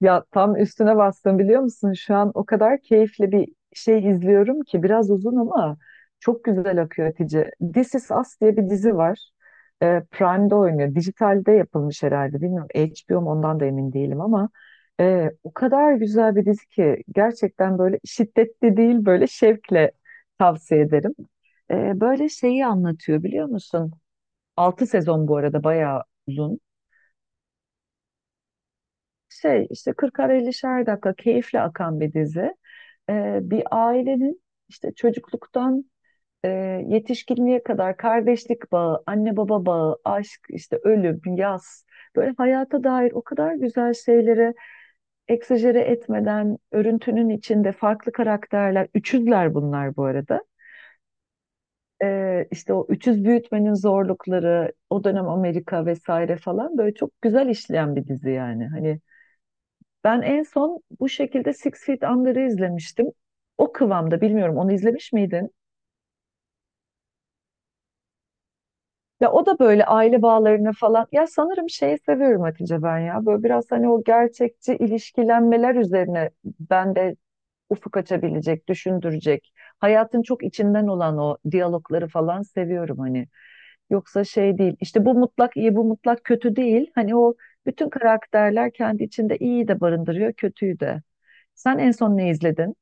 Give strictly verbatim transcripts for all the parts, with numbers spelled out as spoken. Ya tam üstüne bastım biliyor musun? Şu an o kadar keyifli bir şey izliyorum ki biraz uzun ama çok güzel akıyor Hatice. This Is Us diye bir dizi var. Ee, Prime'de oynuyor. Dijitalde yapılmış herhalde. Bilmiyorum H B O mu, ondan da emin değilim ama e, o kadar güzel bir dizi ki, gerçekten böyle şiddetli değil, böyle şevkle tavsiye ederim. Ee, böyle şeyi anlatıyor biliyor musun? Altı sezon, bu arada bayağı uzun şey işte, kırkar ellişer dakika keyifle akan bir dizi. Ee, bir ailenin işte çocukluktan e, yetişkinliğe kadar kardeşlik bağı, anne baba bağı, aşk, işte ölüm, yaz, böyle hayata dair o kadar güzel şeyleri egzajere etmeden örüntünün içinde farklı karakterler, üçüzler bunlar bu arada. Ee, işte o üçüz büyütmenin zorlukları, o dönem Amerika vesaire falan, böyle çok güzel işleyen bir dizi yani. Hani ben en son bu şekilde Six Feet Under'ı izlemiştim. O kıvamda, bilmiyorum onu izlemiş miydin? Ya o da böyle aile bağlarını falan. Ya sanırım şeyi seviyorum Hatice ben ya. Böyle biraz hani o gerçekçi ilişkilenmeler üzerine ben de ufuk açabilecek, düşündürecek. Hayatın çok içinden olan o diyalogları falan seviyorum hani. Yoksa şey değil. İşte bu mutlak iyi, bu mutlak kötü değil. Hani o bütün karakterler kendi içinde iyiyi de barındırıyor, kötüyü de. Sen en son ne izledin?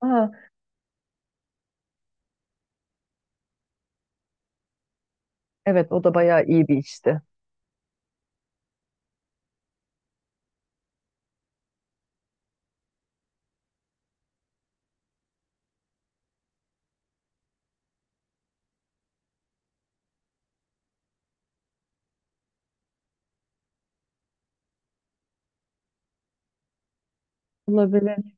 Aa. Evet o da bayağı iyi bir işti. Olabilir.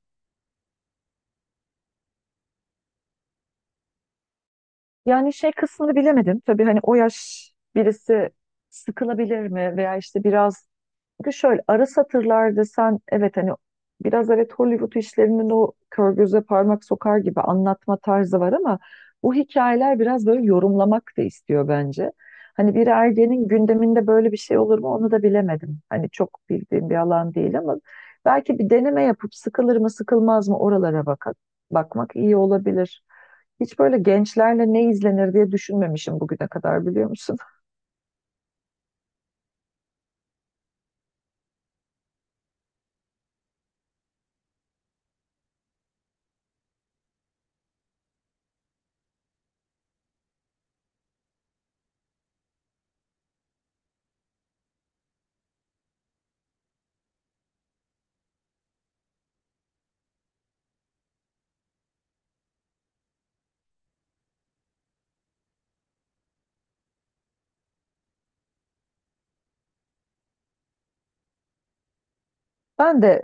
Yani şey kısmını bilemedim. Tabii hani o yaş birisi sıkılabilir mi veya işte biraz. Çünkü şöyle ara satırlar desen, evet hani biraz evet Hollywood işlerinin o kör göze parmak sokar gibi anlatma tarzı var ama bu hikayeler biraz böyle yorumlamak da istiyor bence. Hani bir ergenin gündeminde böyle bir şey olur mu onu da bilemedim. Hani çok bildiğim bir alan değil ama belki bir deneme yapıp sıkılır mı sıkılmaz mı oralara bak bakmak iyi olabilir. Hiç böyle gençlerle ne izlenir diye düşünmemişim bugüne kadar biliyor musun? Ben de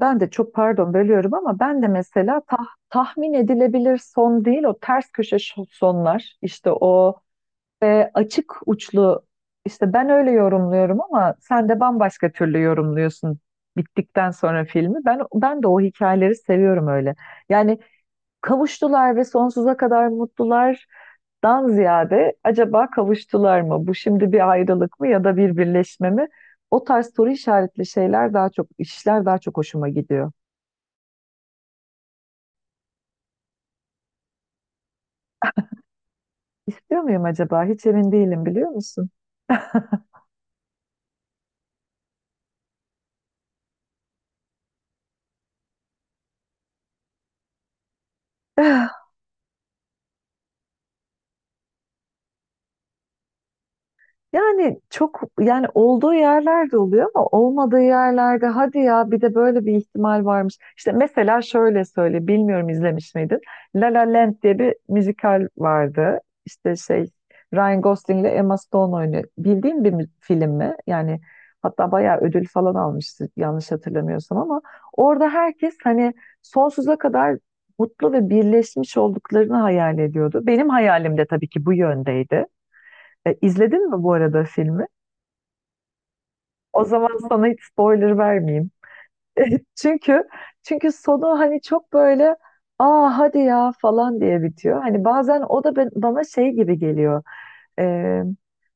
Ben de çok pardon bölüyorum ama ben de mesela tah- tahmin edilebilir son değil, o ters köşe şo- sonlar, işte o e, açık uçlu, işte ben öyle yorumluyorum ama sen de bambaşka türlü yorumluyorsun bittikten sonra filmi. Ben ben de o hikayeleri seviyorum öyle. Yani kavuştular ve sonsuza kadar mutlulardan ziyade acaba kavuştular mı? Bu şimdi bir ayrılık mı ya da bir birleşme mi? O tarz soru işaretli şeyler daha çok işler, daha çok hoşuma gidiyor. İstiyor muyum acaba? Hiç emin değilim biliyor musun? Yani çok yani olduğu yerlerde oluyor ama olmadığı yerlerde hadi ya bir de böyle bir ihtimal varmış. İşte mesela şöyle söyle, bilmiyorum izlemiş miydin? La La Land diye bir müzikal vardı. İşte şey, Ryan Gosling ile Emma Stone oynuyor. Bildiğin bir mü- film mi? Yani hatta bayağı ödül falan almıştı yanlış hatırlamıyorsam ama orada herkes hani sonsuza kadar mutlu ve birleşmiş olduklarını hayal ediyordu. Benim hayalim de tabii ki bu yöndeydi. E, izledin mi bu arada filmi? O zaman sana hiç spoiler vermeyeyim. Çünkü çünkü sonu hani çok böyle, aa hadi ya falan diye bitiyor. Hani bazen o da ben, bana şey gibi geliyor. E,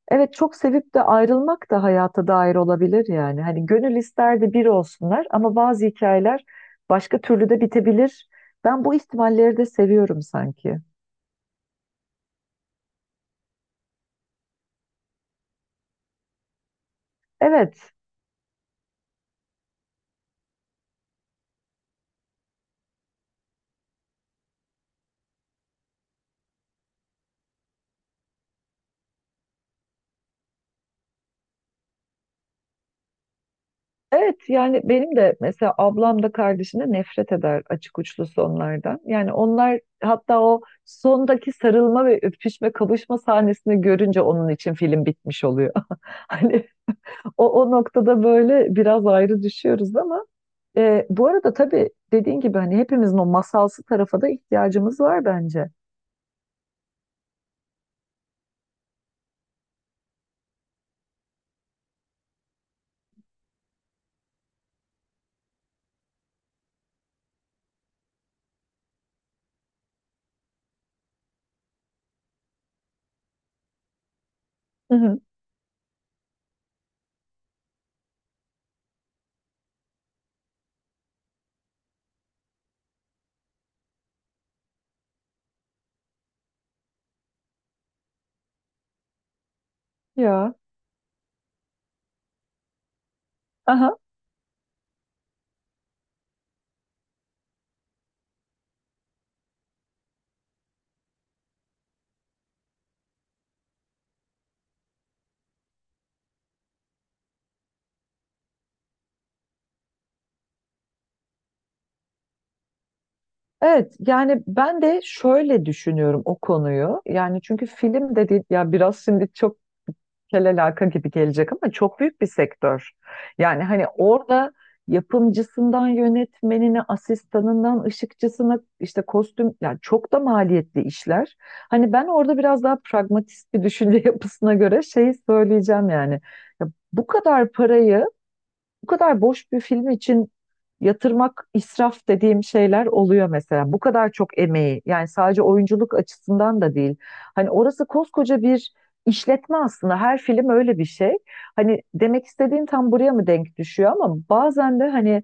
evet, çok sevip de ayrılmak da hayata dair olabilir yani. Hani gönül isterdi bir olsunlar ama bazı hikayeler başka türlü de bitebilir. Ben bu ihtimalleri de seviyorum sanki. Evet. Evet yani benim de mesela ablam da kardeşim de nefret eder açık uçlu sonlardan. Yani onlar hatta o sondaki sarılma ve öpüşme, kavuşma sahnesini görünce onun için film bitmiş oluyor. Hani o, o noktada böyle biraz ayrı düşüyoruz ama e, bu arada tabii dediğin gibi hani hepimizin o masalsı tarafa da ihtiyacımız var bence. Hı hı. Ya. Aha. Evet yani ben de şöyle düşünüyorum o konuyu. Yani çünkü film dedi ya, biraz şimdi çok kel alaka gibi gelecek ama çok büyük bir sektör. Yani hani orada yapımcısından yönetmenine, asistanından ışıkçısına, işte kostüm, yani çok da maliyetli işler. Hani ben orada biraz daha pragmatist bir düşünce yapısına göre şeyi söyleyeceğim yani. Ya bu kadar parayı bu kadar boş bir film için yatırmak, israf dediğim şeyler oluyor mesela. Bu kadar çok emeği, yani sadece oyunculuk açısından da değil. Hani orası koskoca bir işletme aslında. Her film öyle bir şey. Hani demek istediğim tam buraya mı denk düşüyor ama bazen de hani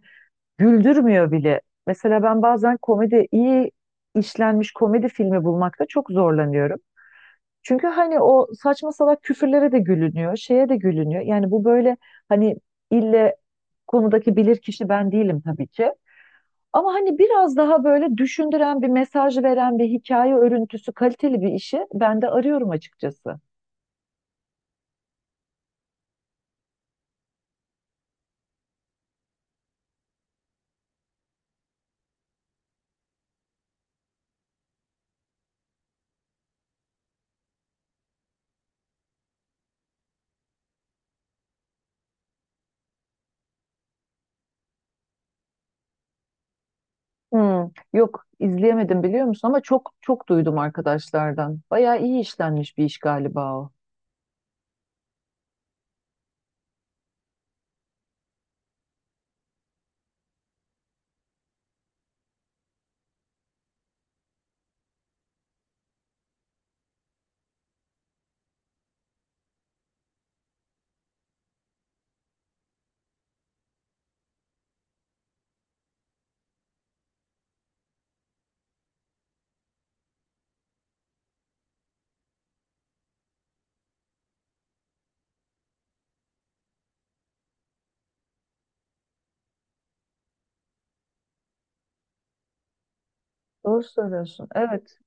güldürmüyor bile. Mesela ben bazen komedi, iyi işlenmiş komedi filmi bulmakta çok zorlanıyorum. Çünkü hani o saçma salak küfürlere de gülünüyor, şeye de gülünüyor. Yani bu böyle hani ille konudaki bilirkişi ben değilim tabii ki. Ama hani biraz daha böyle düşündüren, bir mesaj veren bir hikaye örüntüsü, kaliteli bir işi ben de arıyorum açıkçası. Hmm, yok izleyemedim biliyor musun ama çok çok duydum arkadaşlardan. Bayağı iyi işlenmiş bir iş galiba o. Doğru söylüyorsun. Evet.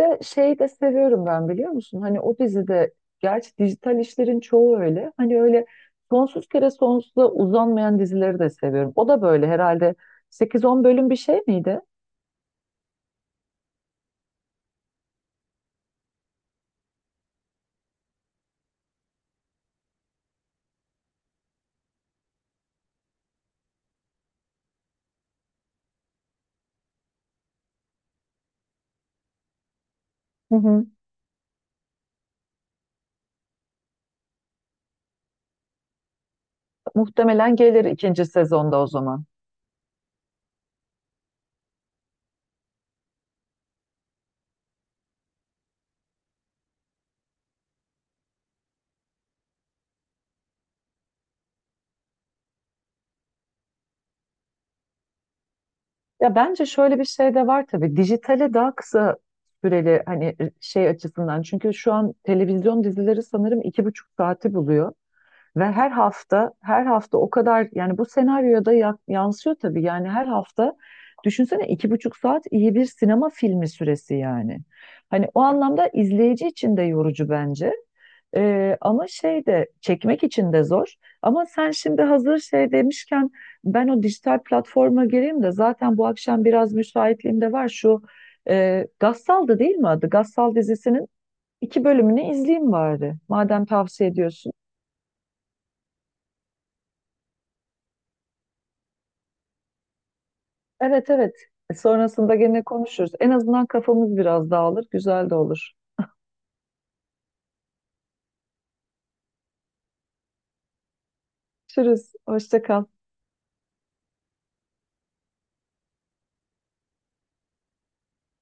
De şeyi de seviyorum ben biliyor musun? Hani o dizide, gerçi dijital işlerin çoğu öyle. Hani öyle sonsuz kere sonsuza uzanmayan dizileri de seviyorum. O da böyle herhalde sekiz on bölüm bir şey miydi? Hı hı. Muhtemelen gelir ikinci sezonda o zaman. Ya bence şöyle bir şey de var tabii. Dijitale daha kısa süreli hani şey açısından. Çünkü şu an televizyon dizileri sanırım iki buçuk saati buluyor. Ve her hafta, her hafta o kadar, yani bu senaryoda ya- yansıyor tabii. Yani her hafta düşünsene, iki buçuk saat iyi bir sinema filmi süresi yani. Hani o anlamda izleyici için de yorucu bence. Ee, ama şey de, çekmek için de zor. Ama sen şimdi hazır şey demişken ben o dijital platforma gireyim de zaten bu akşam biraz müsaitliğim de var. Şu e, Gassal'dı değil mi adı? Gassal dizisinin iki bölümünü izleyeyim bari. Madem tavsiye ediyorsun. Evet, evet. E, Sonrasında gene konuşuruz. En azından kafamız biraz dağılır. Güzel de olur. Görüşürüz. Hoşça kal.